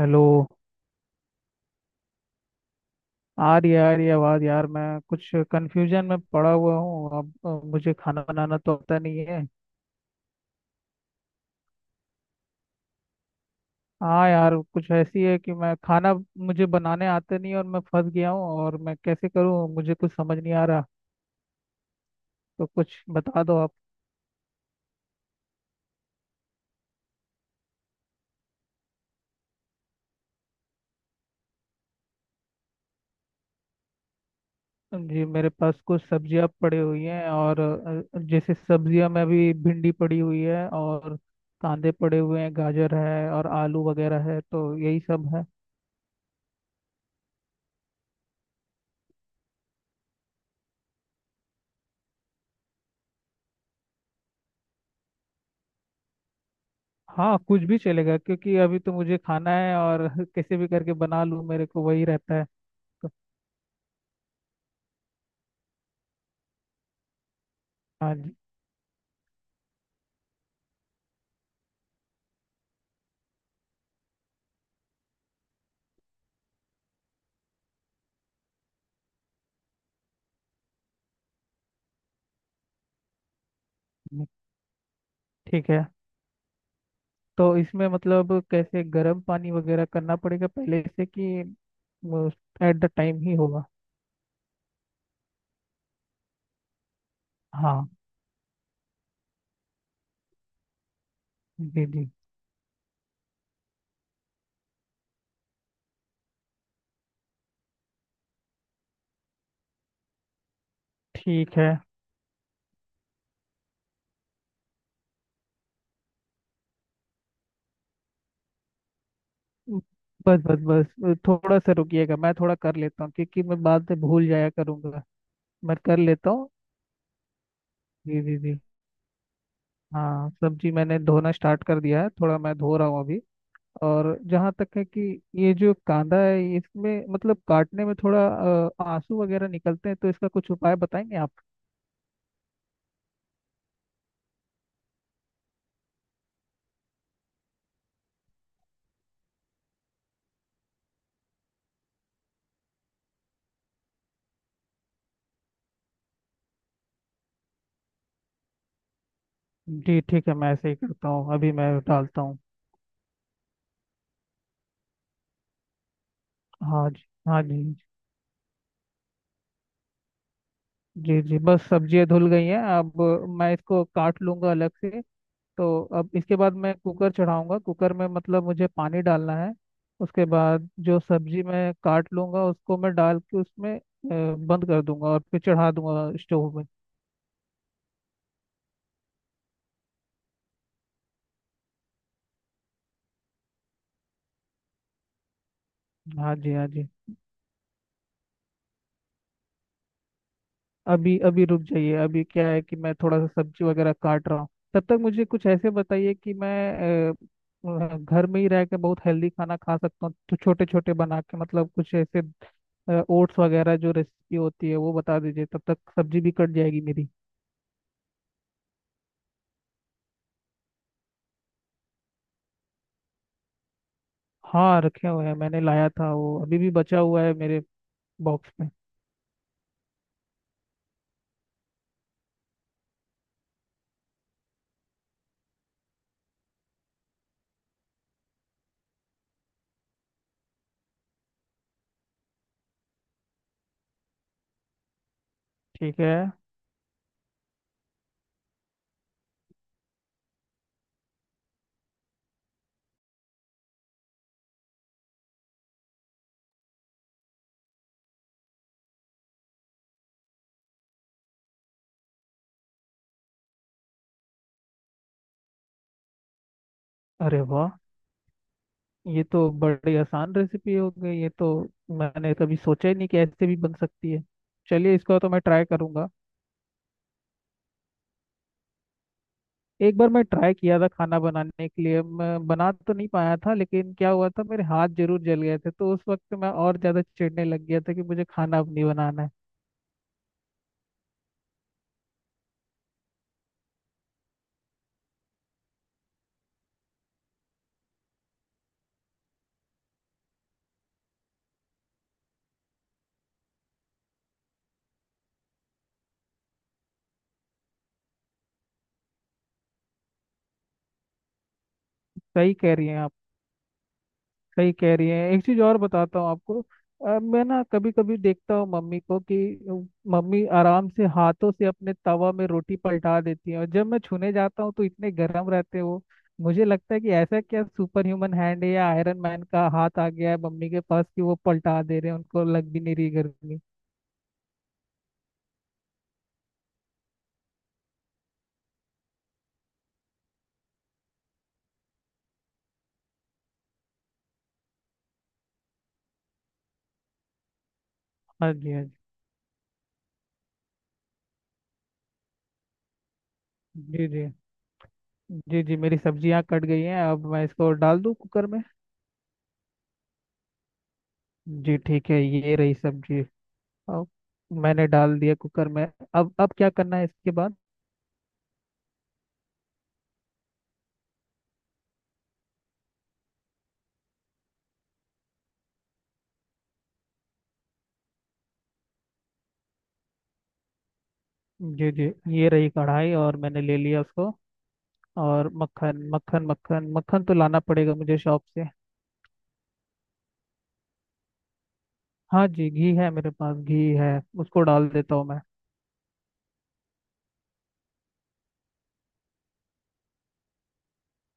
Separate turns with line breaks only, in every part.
Hello. आ रही है, आ रही है आवाज़, यार। मैं कुछ कंफ्यूजन में पड़ा हुआ हूँ। अब मुझे खाना बनाना तो आता नहीं है। हाँ यार, कुछ ऐसी है कि मैं खाना मुझे बनाने आता नहीं है, और मैं फंस गया हूँ। और मैं कैसे करूँ, मुझे कुछ समझ नहीं आ रहा। तो कुछ बता दो आप। जी, मेरे पास कुछ सब्जियाँ पड़ी हुई हैं। और जैसे सब्जियाँ में अभी भिंडी पड़ी हुई है, और कांदे पड़े हुए हैं, गाजर है और आलू वगैरह है, तो यही सब है। हाँ, कुछ भी चलेगा क्योंकि अभी तो मुझे खाना है, और कैसे भी करके बना लूँ, मेरे को वही रहता है। तो हाँ जी। हम्म, ठीक है। तो इसमें मतलब कैसे गर्म पानी वगैरह करना पड़ेगा पहले से, कि एट द टाइम ही होगा? हाँ जी जी, ठीक है। बस बस बस, थोड़ा सा रुकिएगा, मैं थोड़ा कर लेता हूँ, क्योंकि मैं बाद में भूल जाया करूँगा। मैं कर लेता हूँ। जी जी जी। हाँ, सब्जी मैंने धोना स्टार्ट कर दिया है, थोड़ा मैं धो रहा हूँ अभी। और जहाँ तक है कि ये जो कांदा है, इसमें मतलब काटने में थोड़ा आंसू वगैरह निकलते हैं, तो इसका कुछ उपाय बताएंगे आप? जी ठीक है, मैं ऐसे ही करता हूँ, अभी मैं डालता हूँ। हाँ जी, हाँ जी। जी जी, बस सब्जियाँ धुल गई हैं, अब मैं इसको काट लूँगा अलग से। तो अब इसके बाद मैं कुकर चढ़ाऊँगा, कुकर में मतलब मुझे पानी डालना है। उसके बाद जो सब्जी मैं काट लूँगा उसको मैं डाल के उसमें बंद कर दूंगा और फिर चढ़ा दूंगा स्टोव में। हाँ जी, हाँ जी। अभी अभी रुक जाइए, अभी क्या है कि मैं थोड़ा सा सब्जी वगैरह काट रहा हूँ। तब तक मुझे कुछ ऐसे बताइए कि मैं घर में ही रह के बहुत हेल्दी खाना खा सकता हूँ, तो छोटे छोटे बना के, मतलब कुछ ऐसे ओट्स वगैरह जो रेसिपी होती है वो बता दीजिए, तब तक सब्जी भी कट जाएगी मेरी। हाँ, रखे हुए हैं, मैंने लाया था, वो अभी भी बचा हुआ है मेरे बॉक्स में। ठीक है। अरे वाह, ये तो बड़ी आसान रेसिपी हो गई ये तो। मैंने कभी सोचा ही नहीं कि ऐसे भी बन सकती है। चलिए, इसको तो मैं ट्राई करूंगा। एक बार मैं ट्राई किया था खाना बनाने के लिए, मैं बना तो नहीं पाया था, लेकिन क्या हुआ था मेरे हाथ जरूर जल गए थे, तो उस वक्त मैं और ज़्यादा चिढ़ने लग गया था कि मुझे खाना अब नहीं बनाना है। सही कह रही हैं आप। सही कह रही हैं, एक चीज़ और बताता हूँ आपको। मैं ना कभी कभी देखता हूँ मम्मी को कि अ, मम्मी आराम से हाथों से अपने तवा में रोटी पलटा देती है, और जब मैं छूने जाता हूँ तो इतने गर्म रहते हैं वो। मुझे लगता है कि ऐसा क्या सुपर ह्यूमन हैंड है, या आयरन मैन का हाथ आ गया है मम्मी के पास कि वो पलटा दे रहे हैं, उनको लग भी नहीं रही गर्मी। हाँ जी, हाँ जी। जी जी, जी जी, मेरी सब्जियां कट गई हैं, अब मैं इसको डाल दूं कुकर में? जी ठीक है, ये रही सब्जी। अब मैंने डाल दिया कुकर में। अब क्या करना है इसके बाद? जी जी, ये रही कढ़ाई, और मैंने ले लिया उसको। और मक्खन मक्खन मक्खन मक्खन तो लाना पड़ेगा मुझे शॉप से। हाँ जी, घी है मेरे पास, घी है। उसको डाल देता हूँ मैं।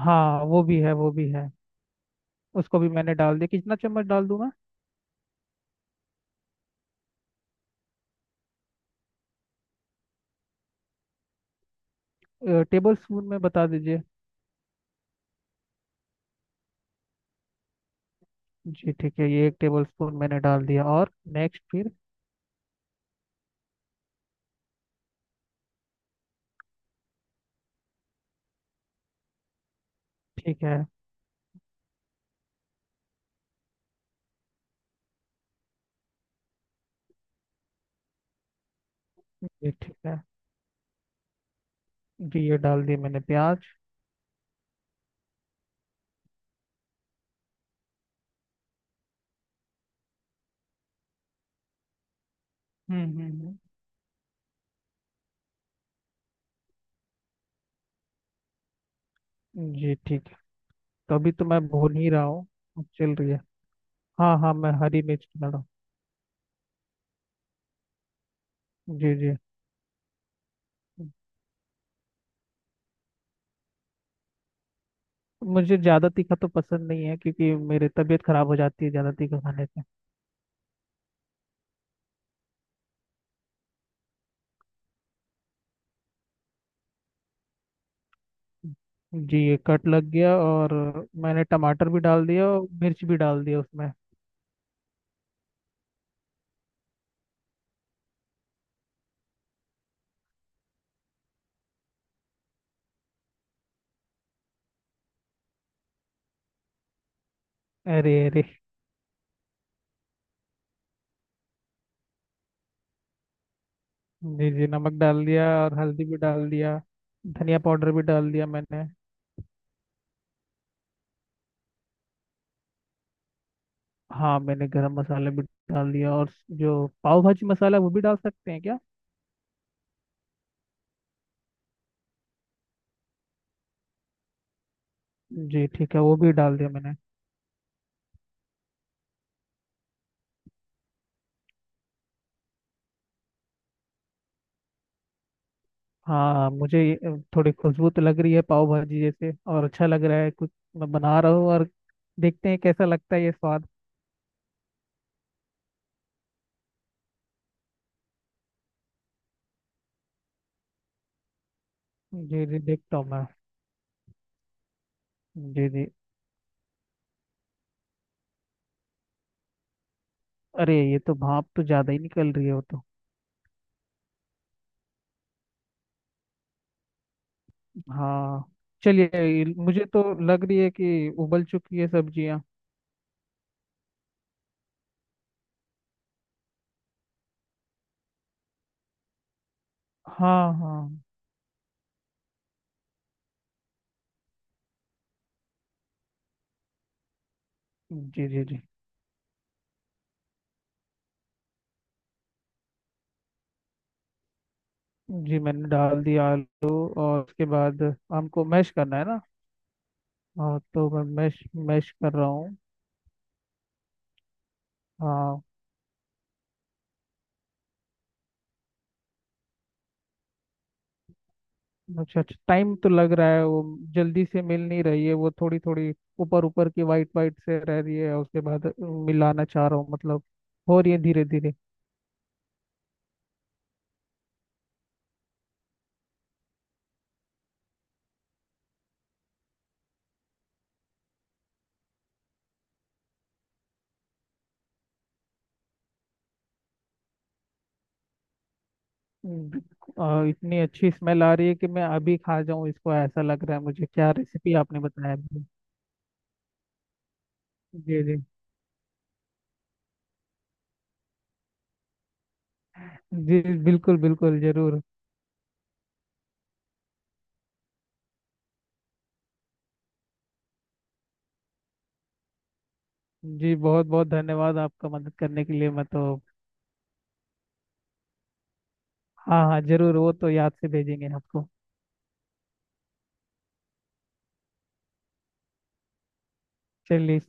हाँ वो भी है, वो भी है। उसको भी मैंने डाल दिया। कितना चम्मच डाल दूं मैं? टेबल स्पून में बता दीजिए। जी ठीक है, ये एक टेबल स्पून मैंने डाल दिया, और नेक्स्ट फिर? ठीक है। ये ठीक है। जी ये डाल दिया मैंने प्याज। हम्म हम्म जी ठीक है। तो अभी तो मैं भून ही रहा हूँ, अब चल रही है। हाँ हाँ, मैं हरी मिर्च डाल रहा हूँ। जी जी। मुझे ज़्यादा तीखा तो पसंद नहीं है, क्योंकि मेरी तबीयत खराब हो जाती है ज़्यादा तीखा खाने से। जी ये कट लग गया, और मैंने टमाटर भी डाल दिया और मिर्च भी डाल दिया उसमें। अरे अरे। जी जी, नमक डाल दिया और हल्दी भी डाल दिया। धनिया पाउडर भी डाल दिया मैंने। हाँ मैंने गरम मसाला भी डाल दिया। और जो पाव भाजी मसाला, वो भी डाल सकते हैं क्या? जी ठीक है, वो भी डाल दिया मैंने। हाँ मुझे ये, थोड़ी खुशबू तो लग रही है पाव भाजी जैसे, और अच्छा लग रहा है कुछ मैं बना रहा हूँ। और देखते हैं कैसा लगता है ये स्वाद। जी जी, देखता हूँ मैं। जी जी, अरे ये तो भाप तो ज़्यादा ही निकल रही है वो तो। हाँ। चलिए मुझे तो लग रही है कि उबल चुकी है सब्जियाँ। हाँ हाँ। जी जी, जी जी, मैंने डाल दिया आलू, और उसके बाद हमको मैश करना है ना? हाँ तो मैं मैश मैश कर रहा हूँ। हाँ। अच्छा अच्छा टाइम तो लग रहा है वो। जल्दी से मिल नहीं रही है वो, थोड़ी थोड़ी ऊपर ऊपर की वाइट वाइट से रह रही है, उसके बाद मिलाना चाह रहा हूँ मतलब। हो रही है धीरे धीरे। हम्म, और इतनी अच्छी स्मेल आ रही है कि मैं अभी खा जाऊँ इसको, ऐसा लग रहा है मुझे। क्या रेसिपी आपने बताया अभी? जी जी जी, बिल्कुल बिल्कुल, जरूर। जी बहुत बहुत धन्यवाद आपका, मदद करने के लिए, मैं तो। हाँ हाँ जरूर, वो तो याद से भेजेंगे आपको। चलिए।